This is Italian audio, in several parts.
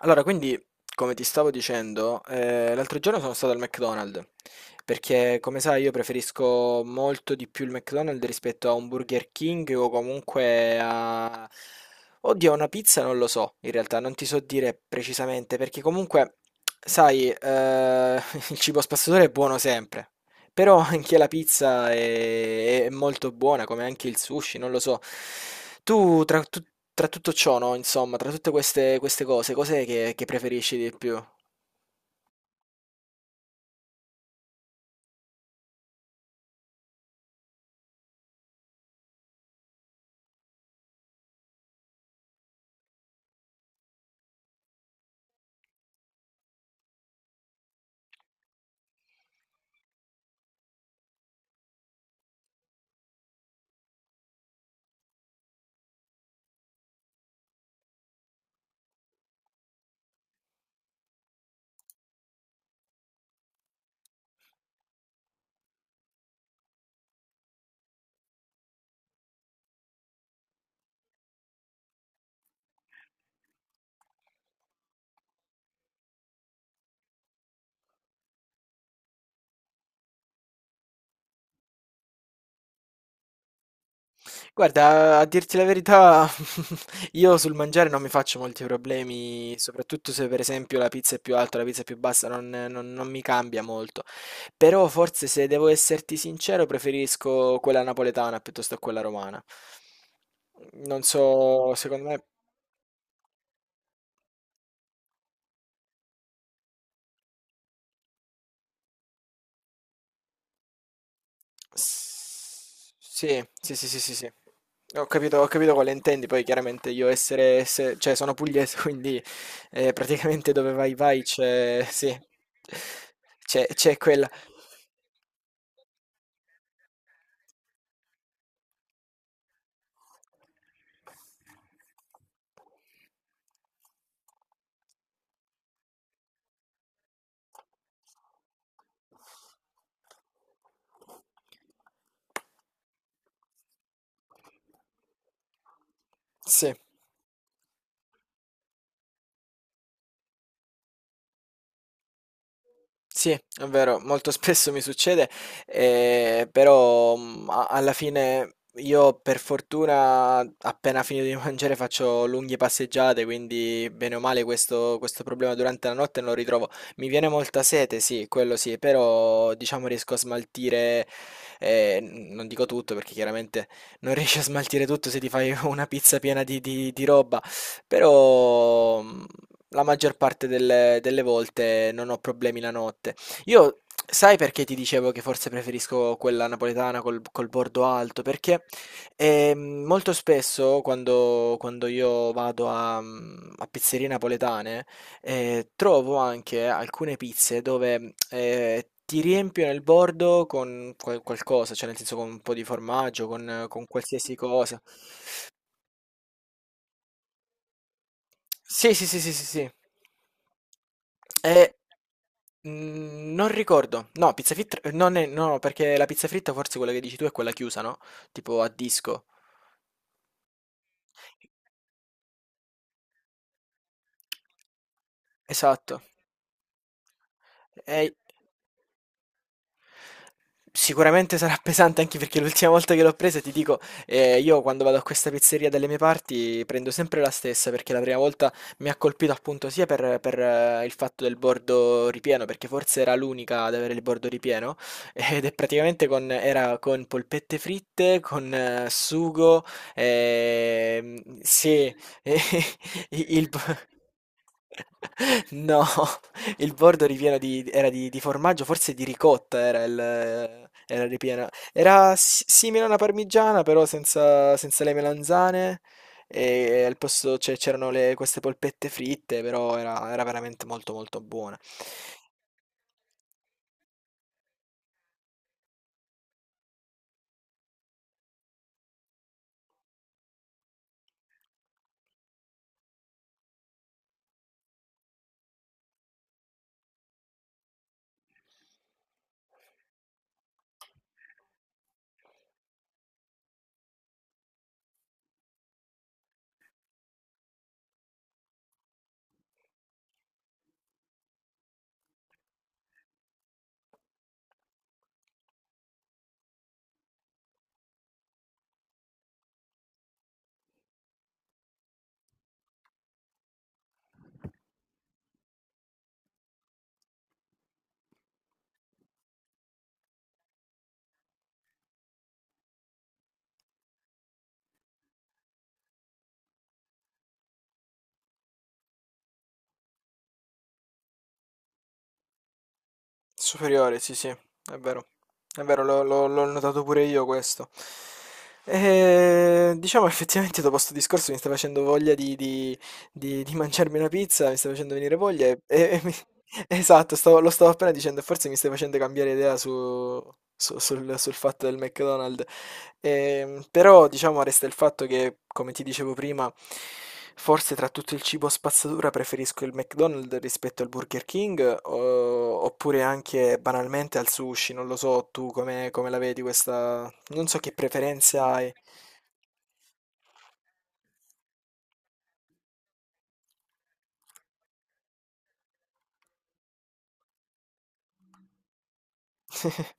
Allora, quindi, come ti stavo dicendo, l'altro giorno sono stato al McDonald's, perché come sai io preferisco molto di più il McDonald's rispetto a un Burger King o comunque a... Oddio, una pizza non lo so, in realtà non ti so dire precisamente, perché comunque, sai, il cibo spazzatura è buono sempre, però anche la pizza è molto buona, come anche il sushi, non lo so. Tu, tra, tu- Tra tutto ciò, no, insomma, tra queste cose, cos'è che preferisci di più? Guarda, a dirti la verità, io sul mangiare non mi faccio molti problemi, soprattutto se per esempio la pizza è più alta, la pizza è più bassa, non mi cambia molto. Però forse se devo esserti sincero, preferisco quella napoletana piuttosto che quella romana. Non so, secondo me... Sì, sì, sì, sì, sì, sì. Ho capito quale intendi, poi chiaramente io essere, se- cioè sono pugliese, quindi praticamente dove vai vai c'è, sì, c'è quella. Sì, Sì, è vero, molto spesso mi succede, però, mhmm, a alla fine io per fortuna appena finito di mangiare faccio lunghe passeggiate, quindi bene o male questo problema durante la notte non lo ritrovo. Mi viene molta sete, sì, quello sì, però diciamo riesco a smaltire, n non dico tutto perché chiaramente non riesci a smaltire tutto se ti fai una pizza piena di roba, però, mhmm la maggior parte delle volte non ho problemi la notte. Io, sai perché ti dicevo che forse preferisco quella napoletana col bordo alto? Perché molto spesso quando io vado a, a pizzerie napoletane trovo anche alcune pizze dove ti riempiono il bordo con qualcosa, cioè nel senso con un po' di formaggio, con qualsiasi cosa. Sì, sì, sì, sì, sì, sì. Eh, non ricordo. No, pizza fritta, non è, no, perché la pizza fritta forse quella che dici tu è quella chiusa, no? Tipo a disco. Esatto. Eh, Sicuramente sarà pesante anche perché l'ultima volta che l'ho presa, ti dico, io quando vado a questa pizzeria dalle mie parti prendo sempre la stessa perché la prima volta mi ha colpito appunto sia per il fatto del bordo ripieno, perché forse era l'unica ad avere il bordo ripieno, ed è praticamente era con polpette fritte, con sugo, sì, e il... bo- No, il bordo ripieno era di formaggio, forse di ricotta era il, era ripiena. Era simile a una parmigiana, però senza, senza le melanzane. E al posto c'erano queste polpette fritte, però era veramente molto molto buona. Superiore, sì, sì, è vero. È vero, l'ho notato pure io questo. E, diciamo effettivamente dopo sto discorso mi sta facendo voglia di mangiarmi una pizza, mi sta facendo venire voglia e mi... Esatto, lo stavo appena dicendo, e forse mi stai facendo cambiare idea sul fatto del McDonald's. Però, diciamo, resta il fatto che, come ti dicevo prima, forse tra tutto il cibo spazzatura preferisco il McDonald's rispetto al Burger King, oppure anche banalmente al sushi, non lo so, tu come la vedi questa... Non so che preferenze hai.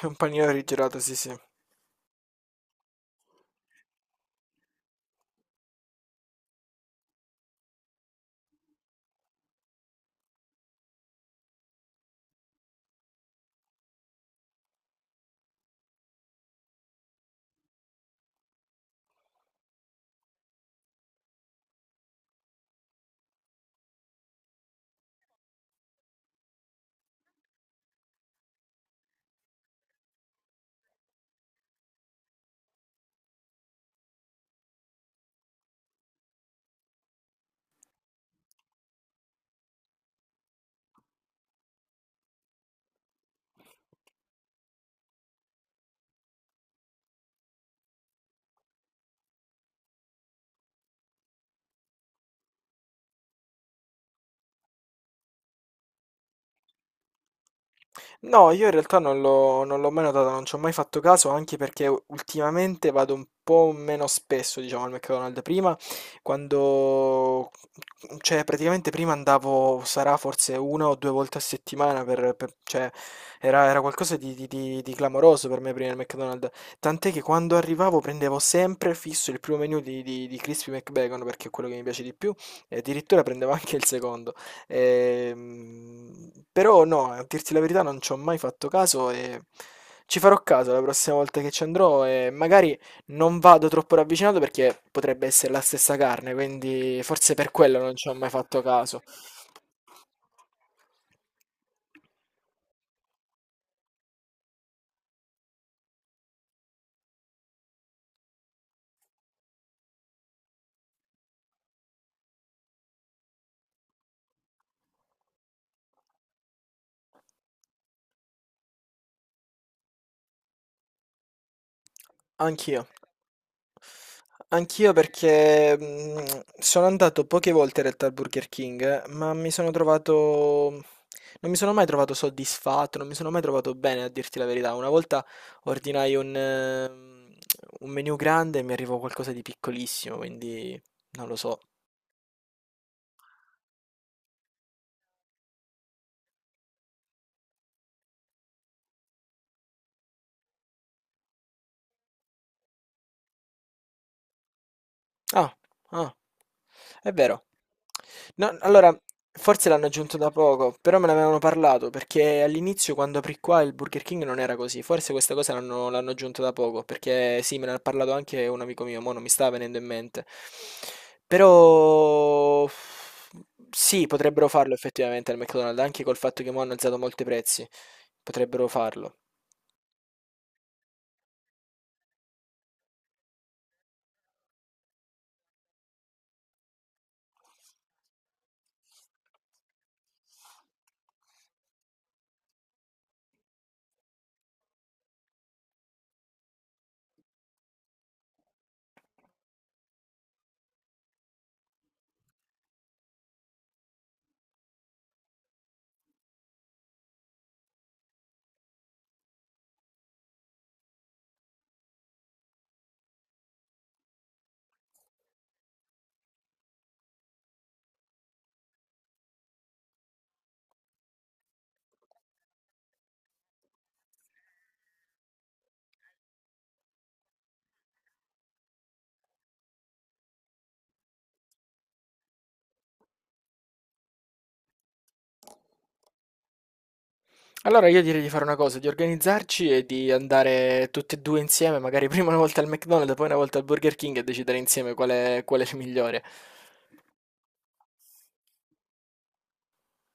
È un panino rigirato, sì, sì. No, io in realtà non l'ho mai notato, non ci ho mai fatto caso, anche perché ultimamente vado un po' meno spesso, diciamo, al McDonald's. Prima, quando... cioè, praticamente prima andavo, sarà forse una o due volte a settimana, cioè, era qualcosa di clamoroso per me prima il McDonald's. Tant'è che quando arrivavo prendevo sempre fisso il primo menu di Crispy McBacon, perché è quello che mi piace di più, e addirittura prendevo anche il secondo. Però no, a dirti la verità non ci ho mai fatto caso e ci farò caso la prossima volta che ci andrò e magari non vado troppo ravvicinato perché potrebbe essere la stessa carne, quindi forse per quello non ci ho mai fatto caso. Anch'io. Anch'io perché sono andato poche volte in realtà al Burger King, ma mi sono trovato... non mi sono mai trovato soddisfatto, non mi sono mai trovato bene a dirti la verità. Una volta ordinai un menu grande e mi arrivò qualcosa di piccolissimo, quindi non lo so. Ah, ah. È vero. No, allora, forse l'hanno aggiunto da poco, però me ne avevano parlato, perché all'inizio quando aprì qua il Burger King non era così. Forse questa cosa l'hanno aggiunta da poco, perché sì, me ne ha parlato anche un amico mio, mo non mi sta venendo in mente. Però sì, potrebbero farlo effettivamente al McDonald's, anche col fatto che mo hanno alzato molti prezzi. Potrebbero farlo. Allora io direi di fare una cosa, di organizzarci e di andare tutti e due insieme, magari prima una volta al McDonald's, poi una volta al Burger King e decidere insieme qual è il migliore.